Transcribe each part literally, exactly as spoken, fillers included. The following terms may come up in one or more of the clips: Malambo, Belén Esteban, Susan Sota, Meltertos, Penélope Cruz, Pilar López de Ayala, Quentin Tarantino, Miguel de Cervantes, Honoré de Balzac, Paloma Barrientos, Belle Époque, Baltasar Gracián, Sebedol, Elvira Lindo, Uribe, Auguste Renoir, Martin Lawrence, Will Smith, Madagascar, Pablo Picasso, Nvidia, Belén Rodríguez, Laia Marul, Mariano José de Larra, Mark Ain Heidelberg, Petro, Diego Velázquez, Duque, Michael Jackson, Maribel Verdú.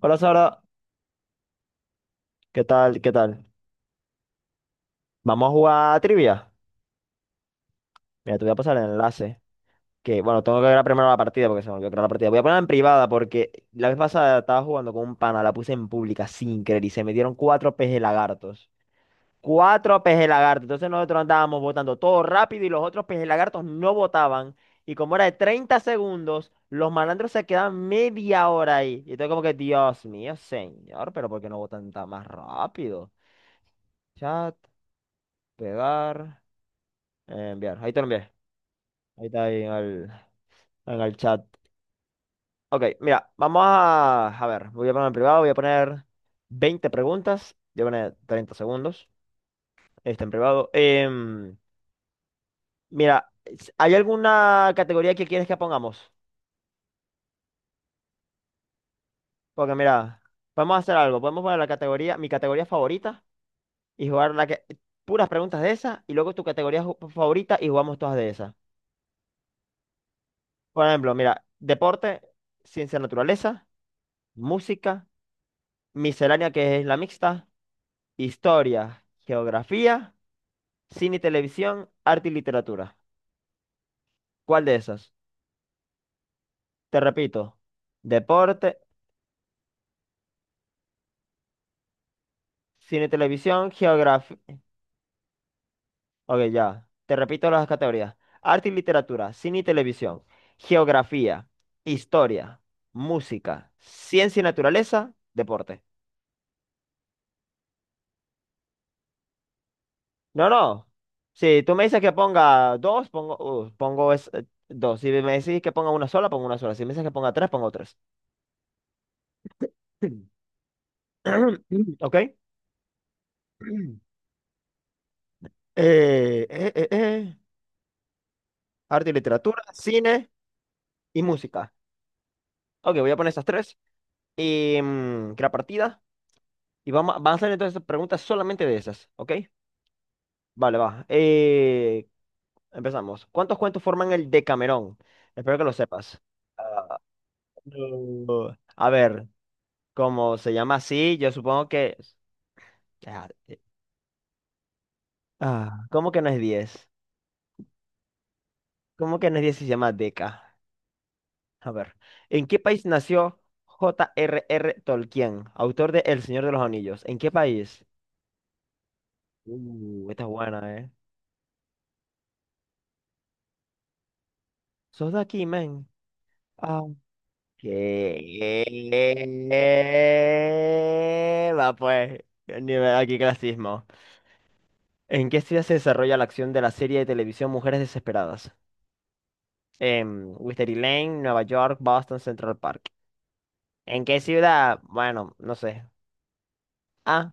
Hola, Sara. ¿Qué tal? ¿Qué tal? Vamos a jugar a trivia. Mira, te voy a pasar el enlace. Que bueno, tengo que crear primero la partida porque se me olvidó crear la partida. Voy a ponerla en privada porque la vez pasada estaba jugando con un pana, la puse en pública sin querer y se me dieron cuatro peje lagartos. Cuatro peje lagartos. Entonces nosotros andábamos votando todo rápido y los otros peje lagartos no votaban. Y como era de treinta segundos, los malandros se quedaban media hora ahí. Y entonces como que, Dios mío, señor, ¿pero por qué no votan tan más rápido? Chat, pegar. Eh, Enviar, ahí te lo envié. Ahí está ahí en el, en el chat. Ok, mira, vamos a, a ver, voy a poner en privado, voy a poner veinte preguntas, voy a poner treinta segundos, está en privado. Em, mira, s- ¿hay alguna categoría que quieres que pongamos? Porque mira, podemos hacer algo, podemos poner la categoría, mi categoría favorita y jugar la que, puras preguntas de esas y luego tu categoría ju- favorita y jugamos todas de esas. Por ejemplo, mira, deporte, ciencia, naturaleza, música, miscelánea, que es la mixta. Historia, geografía, cine y televisión, arte y literatura. ¿Cuál de esas? Te repito, deporte, cine y televisión, geografía. Ok, ya. Te repito las categorías. Arte y literatura, cine y televisión, geografía, historia, música, ciencia y naturaleza, deporte. No, no. Si tú me dices que ponga dos, pongo, uh, pongo es- eh, dos. Si me decís que ponga una sola, pongo una sola. Si me dices que ponga tres, pongo tres. ¿Ok? Eh, eh, eh, eh, arte y literatura, cine y música. Ok, voy a poner esas tres. Y mm, que partida. Y vamos, a- van a hacer entonces preguntas solamente de esas, ¿ok? Vale, va. Eh, empezamos. ¿Cuántos cuentos forman el Decamerón? Espero que lo sepas. Ah, no. A ver, como se llama así, yo supongo que... Ah, eh, ah, ¿cómo que no es diez? ¿Cómo que no es diez, si se llama Deca? A ver, ¿en qué país nació J R R. Tolkien, autor de El Señor de los Anillos? ¿En qué país? Uh, esta es buena, ¿eh? ¿Sos de aquí, men? Ah. ¿Qué? Va, pues, nivel aquí clasismo. ¿En qué ciudad se desarrolla la acción de la serie de televisión Mujeres Desesperadas? En Wisteria Lane, Nueva York, Boston, Central Park. ¿En qué ciudad? Bueno, no sé. A.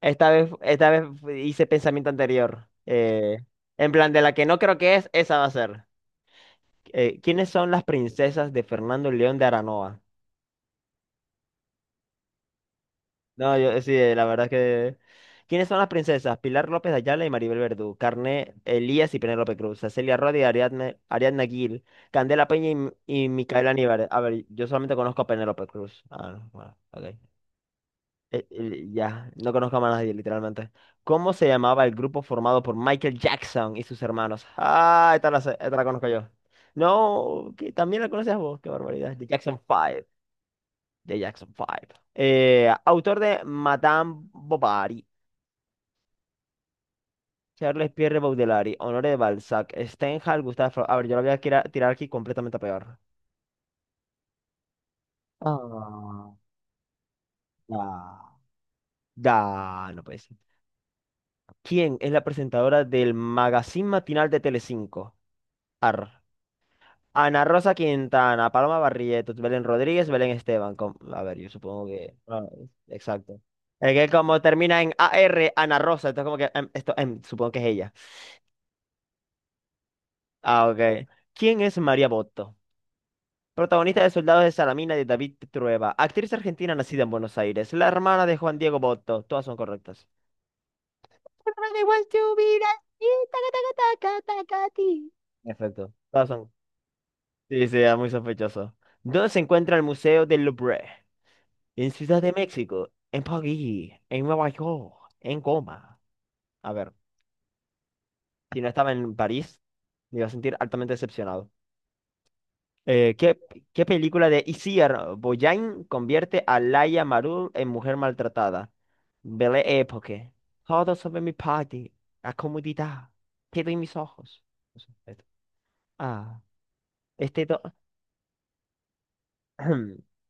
Esta vez, esta vez hice pensamiento anterior. Eh, en plan, de la que no creo que es, esa va a ser. Eh, ¿quiénes son las princesas de Fernando León de Aranoa? No, yo sí, eh, la verdad es que. ¿Quiénes son las princesas? Pilar López de Ayala y Maribel Verdú. Carné Elías y Penélope Cruz. Cecilia Rodi y Ariadne- Ariadna Gil. Candela Peña y, M- y Micaela Aníbal. A ver, yo solamente conozco a Penélope Cruz. Ah, no, bueno, ok. Eh, eh, ya, no conozco a más nadie, literalmente. ¿Cómo se llamaba el grupo formado por Michael Jackson y sus hermanos? Ah, esta la, sé- esta la conozco yo. No, que también la conoces, vos, qué barbaridad. The Jackson Five. The Jackson Five. Eh, autor de Madame Bovary: Charles Pierre Baudelaire, Honoré de Balzac, Stendhal, Gustave Flaubert. A ver, yo la voy a tirar, tirar aquí completamente peor. Ah, ah. Da, no puede ser. ¿Quién es la presentadora del magazine matinal de Telecinco? Ar. Ana Rosa Quintana, Paloma Barrientos, Belén Rodríguez, Belén Esteban. com- A ver, yo supongo que. ah, exacto. Es que como termina en A R, Ana Rosa, entonces como que em, esto, em, supongo que es ella. Ah, ok. ¿Quién es María Botto? Protagonista de Soldados de Salamina de David Trueba, actriz argentina nacida en Buenos Aires, la hermana de Juan Diego Botto. Todas son correctas. Everybody wants to be like you, taca, taca, taca, taca, ti. Perfecto. Todas son. Sí, sí, es muy sospechoso. ¿Dónde se encuentra el Museo del Louvre? En Ciudad de México, en París, en Nueva York, en Goma. A ver, si no estaba en París, me iba a sentir altamente decepcionado. Eh, ¿qué, qué película de Isier Boyain convierte a Laia Marul en mujer maltratada? Belle Époque. Todo sobre mi party. La comodidad. Quedo en mis ojos. No sé, esto. Ah, este do...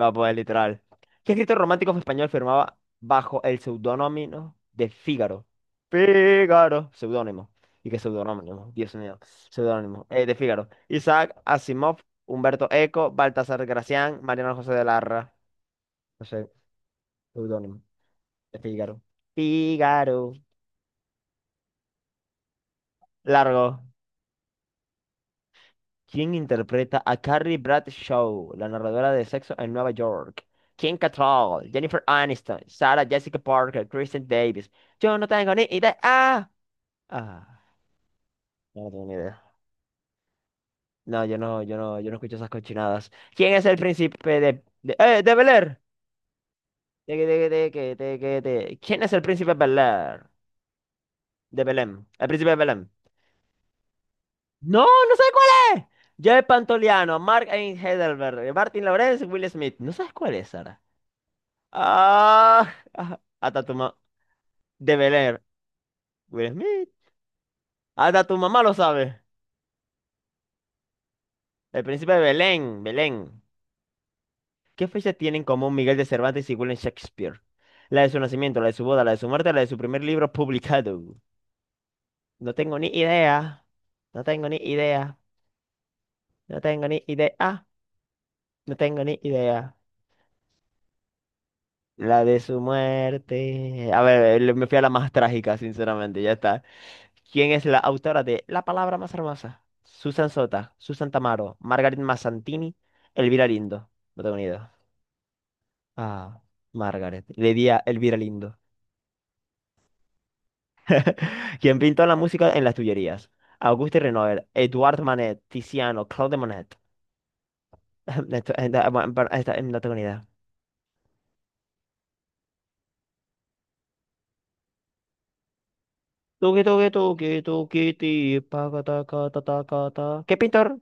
Va, a poder literal. ¿Qué escritor romántico español firmaba bajo el seudónimo de Fígaro? Fígaro, seudónimo. ¿Y qué seudónimo? Dios mío, seudónimo. eh, de Fígaro. Isaac Asimov, Humberto Eco, Baltasar Gracián, Mariano José de Larra. No sé, seudónimo. De Fígaro. Fígaro. Largo. ¿Quién interpreta a Carrie Bradshaw, la narradora de Sexo en Nueva York? Kim Cattrall, Jennifer Aniston, Sarah Jessica Parker, Kristen Davis. Yo no tengo ni idea. Ah, ah, yo no tengo ni idea. No, yo no, yo no, yo no escucho esas cochinadas. ¿Quién es el príncipe de, de, eh, de Bel Air? De, de, de, de, de, de- de- que- de- ¿Quién es el príncipe de Bel Air? De Belém. El príncipe de Belém. No, no sé cuál es. Joe Pantoliano, Mark Ain Heidelberg, Martin Lawrence, Will Smith. ¿No sabes cuál es, Sara? Ah, ah, hasta tu mamá. De Belén. Will Smith. Hasta tu mamá lo sabe. El príncipe de Belén. Belén. ¿Qué fecha tienen en común Miguel de Cervantes y William Shakespeare? La de su nacimiento, la de su boda, la de su muerte, la de su primer libro publicado. No tengo ni idea. No tengo ni idea. No tengo ni idea. No tengo ni idea. La de su muerte. A ver, le- me fui a la más trágica, sinceramente. Ya está. ¿Quién es la autora de La palabra más hermosa? Susan Sota, Susan Tamaro, Margaret Mazzantini, Elvira Lindo. No tengo ni idea. Ah, Margaret. Le di a Elvira Lindo. ¿Quién pintó La música en las Tullerías? Auguste Renoir, Edouard Manet, Tiziano, Claude Monet. Esto- esta- bueno, pero esta, eh, no tengo ni idea. Tuki, tuki, tuki, tuki, ti, pa, ca, ta, ca, ta. ¿Qué pintor?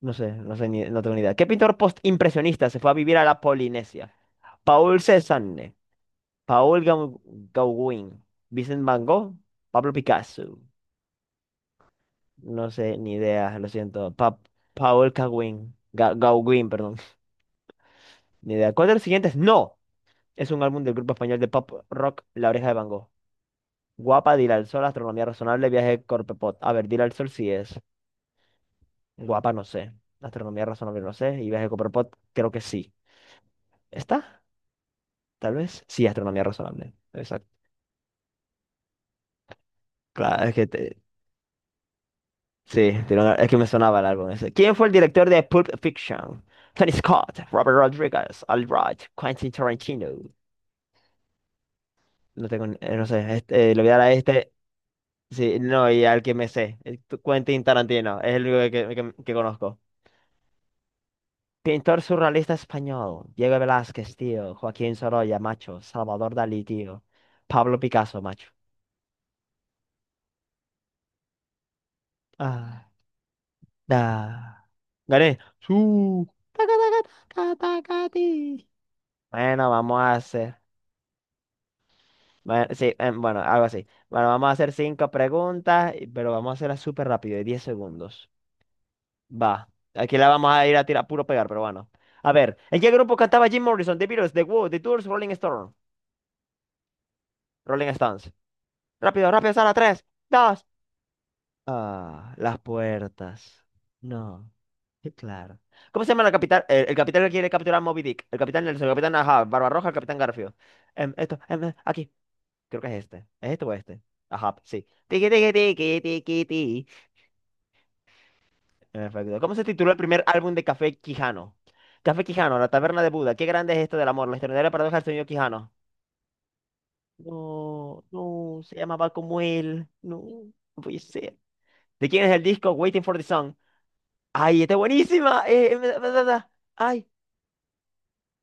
No sé, no sé ni, no tengo ni idea. ¿Qué pintor postimpresionista se fue a vivir a la Polinesia? Paul Cézanne. Paul Gau- Gauguin, Vincent Van Gogh, Pablo Picasso. No sé, ni idea, lo siento. Pa- Paul Gauguin, Ga- Gauguin, perdón. Ni idea. ¿Cuál de los siguientes? No. Es un álbum del grupo español de pop rock La Oreja de Van Gogh. Guapa, Dile al Sol, Astronomía Razonable, Viaje Corpepot. A ver, Dile al Sol sí es. Guapa, no sé. Astronomía Razonable, no sé. Y Viaje Corpepot, creo que sí. ¿Está? Tal vez. Sí, Astronomía Razonable. Exacto. Claro, es que te- Sí, tiene una- es que me sonaba el álbum ese. ¿Quién fue el director de Pulp Fiction? Tony Scott, Robert Rodriguez, Al Wright, Quentin Tarantino. No tengo, ni- eh, no sé, este, eh, le voy a dar a este. Sí, no, y al que me sé, el tu- Quentin Tarantino, es el único que, que- que conozco. Pintor surrealista español: Diego Velázquez, tío, Joaquín Sorolla, macho, Salvador Dalí, tío, Pablo Picasso, macho. Ah, da. Gané. Su. Taca, taca, taca, taca, ti. Bueno, vamos a hacer. Bueno, sí, em, bueno, algo así. Bueno, vamos a hacer cinco preguntas, y- pero vamos a hacerlas súper rápido, de diez segundos. Va. Aquí la vamos a ir a tirar puro pegar, pero bueno. A ver, ¿en qué grupo cantaba Jim Morrison? The Beatles, The Who, The Doors, Rolling Stone. Rolling Stones. Rápido, rápido, Sara, tres, dos. Ah, las puertas. No, qué claro. ¿Cómo se llama la capital? El, el capitán que quiere capturar a Moby Dick. El capitán Nelson, el capitán Ahab, Barbarroja, el capitán Garfio. Em, esto, em, eh, aquí. Creo que es este. ¿Es este o este? Ajá, sí. Tiki, tiki, tiki, tiki, ti. En efecto. ¿Cómo se tituló el primer álbum de Café Quijano? Café Quijano, La Taberna de Buda. Qué grande es esto del amor, la extraordinaria paradoja del señor Quijano. No, no, se llamaba como él. No, no puede ser. ¿De quién es el disco Waiting for the Sun? ¡Ay, está buenísima! Eh, eh, da, da, da. ¡Ay!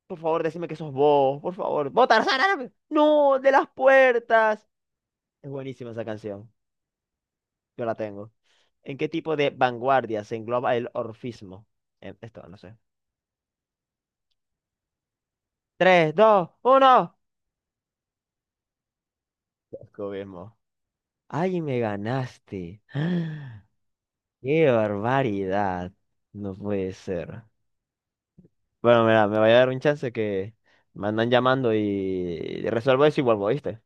Por favor, decime que sos vos, por favor. ¡Vos, Tarzán árabe! ¡No! No. No, ¡de las puertas! Es buenísima esa canción. Yo la tengo. ¿En qué tipo de vanguardia se engloba el orfismo? Eh, Esto, no sé. Tres, dos, uno. Descubrimos. Ay, me ganaste. ¡Qué barbaridad! No puede ser. Bueno, mira, me voy a dar un chance que me andan llamando y resuelvo eso y vuelvo, ¿viste?